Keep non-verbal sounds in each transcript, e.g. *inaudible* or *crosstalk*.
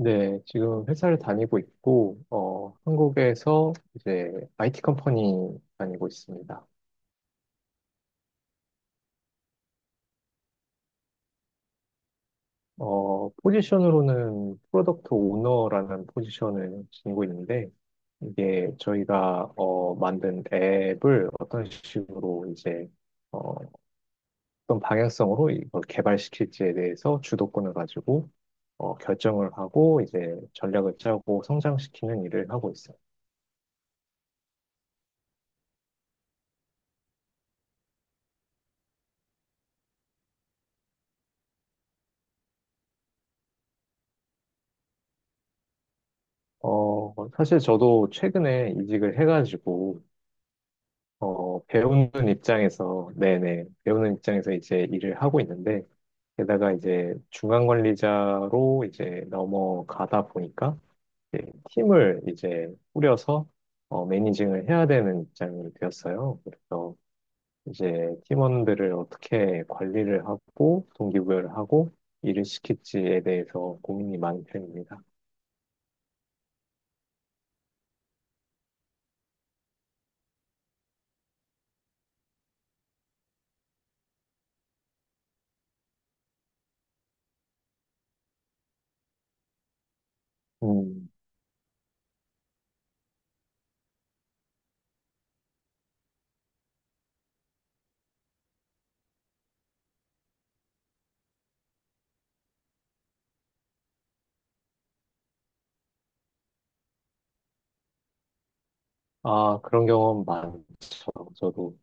네, 지금 회사를 다니고 있고, 한국에서 이제 IT 컴퍼니 다니고 있습니다. 포지션으로는 프로덕트 오너라는 포지션을 지니고 있는데, 이게 저희가 만든 앱을 어떤 식으로 이제 어, 떤 방향성으로 이걸 개발시킬지에 대해서 주도권을 가지고 결정을 하고 이제 전략을 짜고 성장시키는 일을 하고 있습니다. 사실 저도 최근에 이직을 해가지고, 배우는 입장에서, 네네, 배우는 입장에서 이제 일을 하고 있는데, 게다가 이제 중간 관리자로 이제 넘어가다 보니까, 이제 팀을 이제 꾸려서, 매니징을 해야 되는 입장이 되었어요. 그래서 이제 팀원들을 어떻게 관리를 하고, 동기부여를 하고, 일을 시킬지에 대해서 고민이 많은 편입니다. 음. 아, 그런 경험 많죠. 저도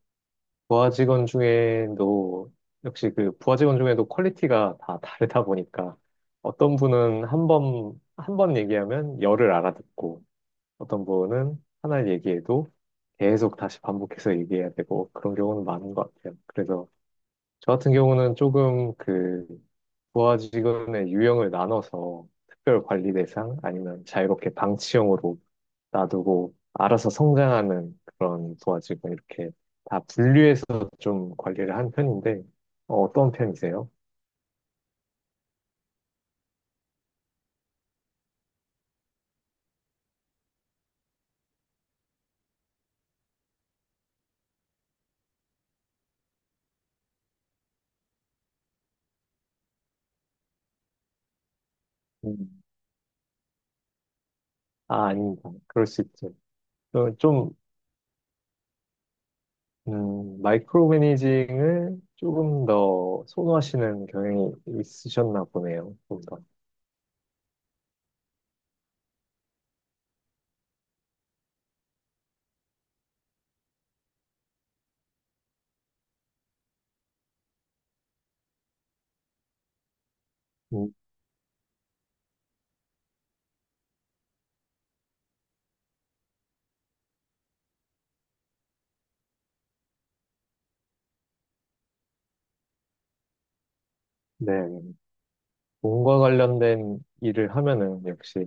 부하 직원 중에도 역시 그 부하 직원 중에도 퀄리티가 다 다르다 보니까 어떤 분은 한번 얘기하면 열을 알아듣고 어떤 분은 하나를 얘기해도 계속 다시 반복해서 얘기해야 되고 그런 경우는 많은 것 같아요. 그래서 저 같은 경우는 조금 그 부하 직원의 유형을 나눠서 특별 관리 대상 아니면 자유롭게 방치형으로 놔두고 알아서 성장하는 그런 도화지가 이렇게 다 분류해서 좀 관리를 한 편인데 어, 떤 편이세요? 음. 아, 아닙니다. 그럴 수 있죠. 좀 마이크로 매니징을 조금 더 선호하시는 경향이 있으셨나 보네요. 좀 더. 음, 네, 몸과 관련된 일을 하면은 역시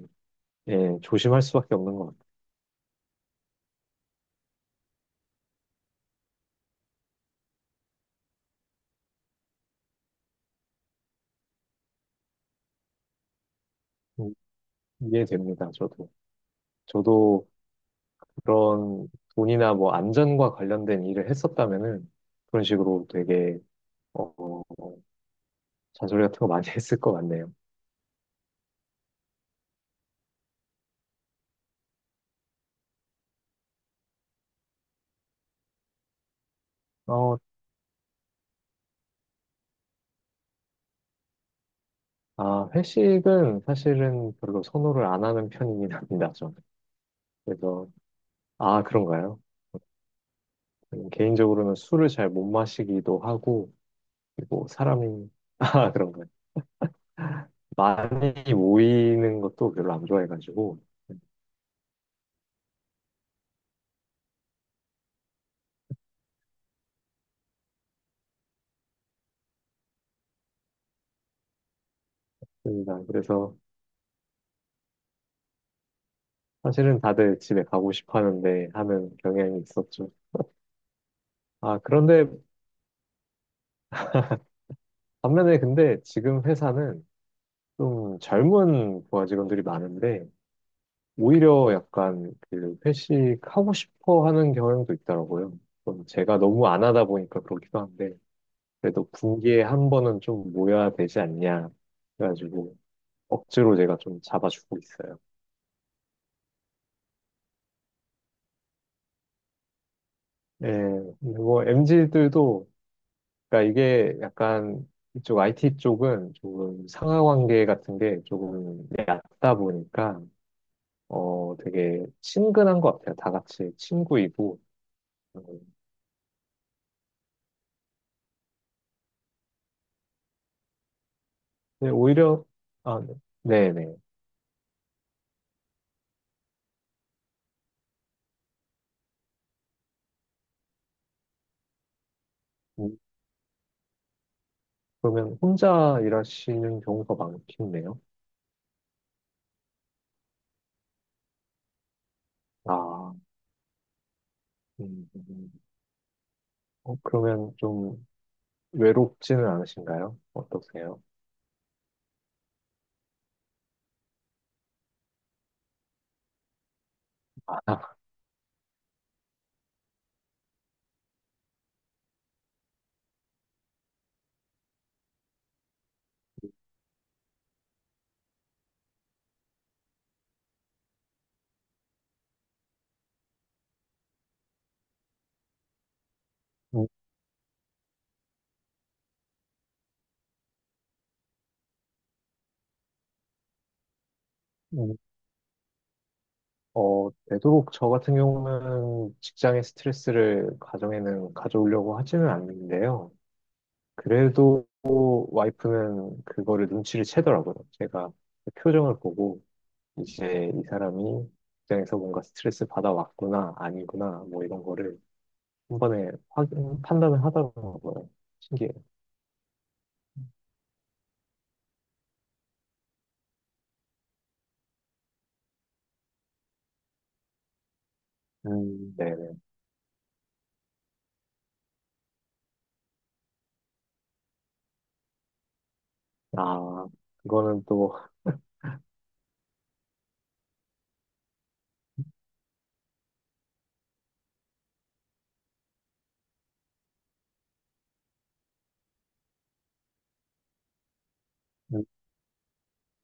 예, 조심할 수밖에 없는 것 같아요. 음, 이해됩니다. 저도 그런 돈이나 뭐 안전과 관련된 일을 했었다면은 그런 식으로 되게 어, 잔소리 같은 거 많이 *laughs* 했을 것 같네요. 어, 회식은 사실은 별로 선호를 안 하는 편이긴 합니다, 저는. 그래서, 아, 그런가요? 개인적으로는 술을 잘 못 마시기도 하고, 그리고 사람이, *laughs* 아, 그런가요? 많이 모이는 것도 별로 안 좋아해가지고, 그렇습니다. 그래서 사실은 다들 집에 가고 싶어 하는데 하는 경향이 있었죠. 아, 그런데 반면에 근데 지금 회사는 좀 젊은 부하 직원들이 많은데 오히려 약간 그 회식하고 싶어 하는 경향도 있더라고요. 그건 제가 너무 안 하다 보니까 그렇기도 한데 그래도 분기에 한 번은 좀 모여야 되지 않냐 그래가지고 억지로 제가 좀 잡아주고 있어요. 네, 근데 뭐 MZ들도 그러니까 이게 약간 이쪽 IT 쪽은 조금 상하 관계 같은 게 조금 얕다 보니까 되게 친근한 것 같아요. 다 같이 친구이고. 음, 근데 오히려, 아, 네, 네. 음, 그러면 혼자 일하시는 경우가 많겠네요. 아, 음, 음. 그러면 좀 외롭지는 않으신가요? 어떠세요? *laughs* 음, 음. 되도록 저 같은 경우는 직장의 스트레스를 가정에는 가져오려고 하지는 않는데요. 그래도 와이프는 그거를 눈치를 채더라고요. 제가 표정을 보고. 이제 이 사람이 직장에서 뭔가 스트레스 받아왔구나, 아니구나, 뭐 이런 거를 한 번에 확인, 판단을 하더라고요. 신기해요. 네네. 아, 그거는 또,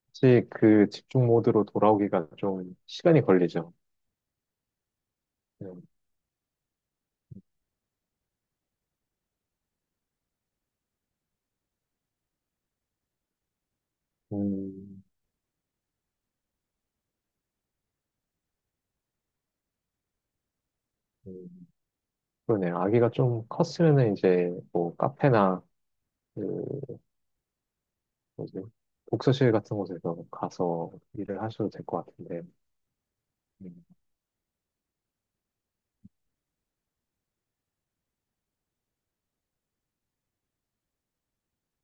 혹시 그 집중 모드로 돌아오기가 좀 시간이 걸리죠. 음, 음, 음, 그러네요. 아기가 좀 컸으면은 이제 뭐 카페나 그 뭐지? 독서실 같은 곳에서 가서 일을 하셔도 될 것 같은데. 음.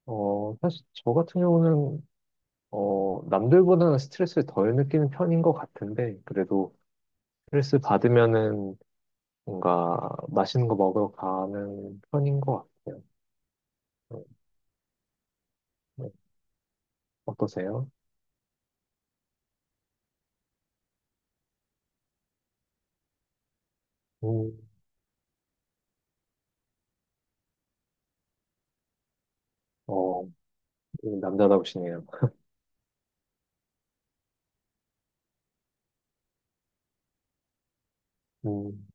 사실 저 같은 경우는 남들보다는 스트레스를 덜 느끼는 편인 것 같은데, 그래도 스트레스 받으면은 뭔가 맛있는 거 먹으러 가는 편인 것 같아요. 음, 음, 어떠세요? 음, 어, 남자답시네요. 음,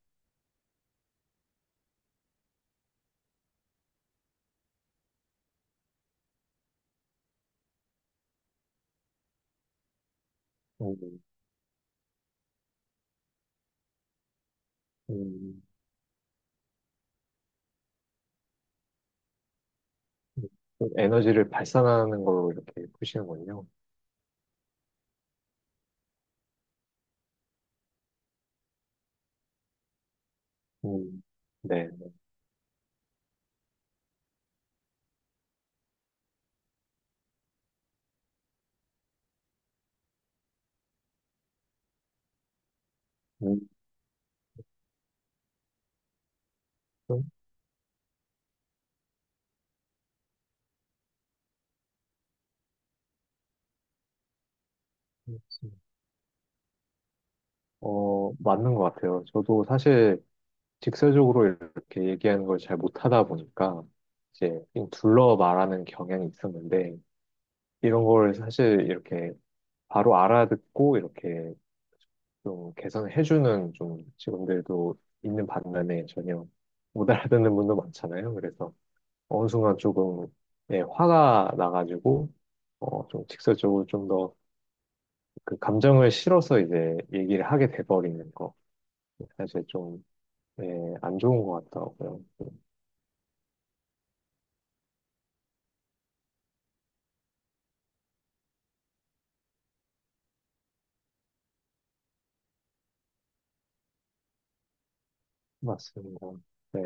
음, 음, 음. 좀 에너지를 발산하는 걸로 이렇게 푸시는군요. 음, 네. 네. 음, 좀, 음, 맞는 것 같아요. 저도 사실 직설적으로 이렇게 얘기하는 걸 잘 못하다 보니까 이제 그냥 둘러 말하는 경향이 있었는데 이런 걸 사실 이렇게 바로 알아듣고 이렇게 좀 개선해주는 좀 직원들도 있는 반면에 전혀 못 알아듣는 분도 많잖아요. 그래서 어느 순간 조금 예, 화가 나가지고 좀 직설적으로 좀 더 그 감정을 실어서 이제 얘기를 하게 돼버리는 거 사실 좀 예, 안 좋은 것 같더라고요. 맞습니다. 네.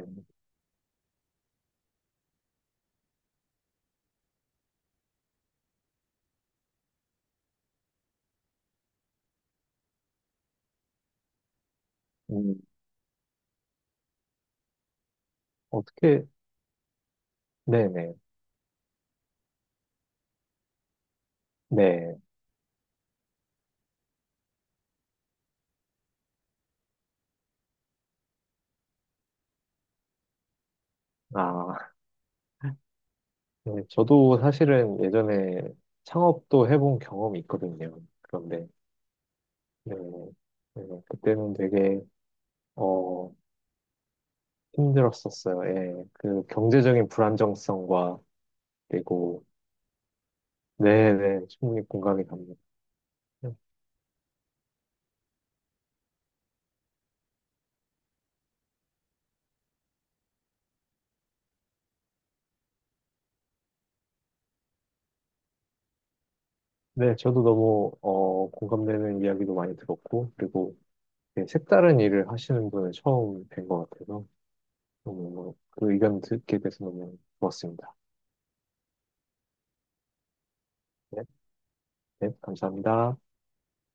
음, 어떻게, 네네, 네. 아, 네. 저도 사실은 예전에 창업도 해본 경험이 있거든요. 그런데, 네, 네. 그때는 되게, 어, 힘들었었어요. 예. 그 경제적인 불안정성과, 그리고, 네네, 충분히 공감이 갑니다. 네, 저도 너무, 공감되는 이야기도 많이 들었고, 그리고, 네, 색다른 일을 하시는 분을 처음 뵌 것 같아서, 너무, 그 의견 듣게 돼서 너무 좋았습니다. 네. 네, 감사합니다.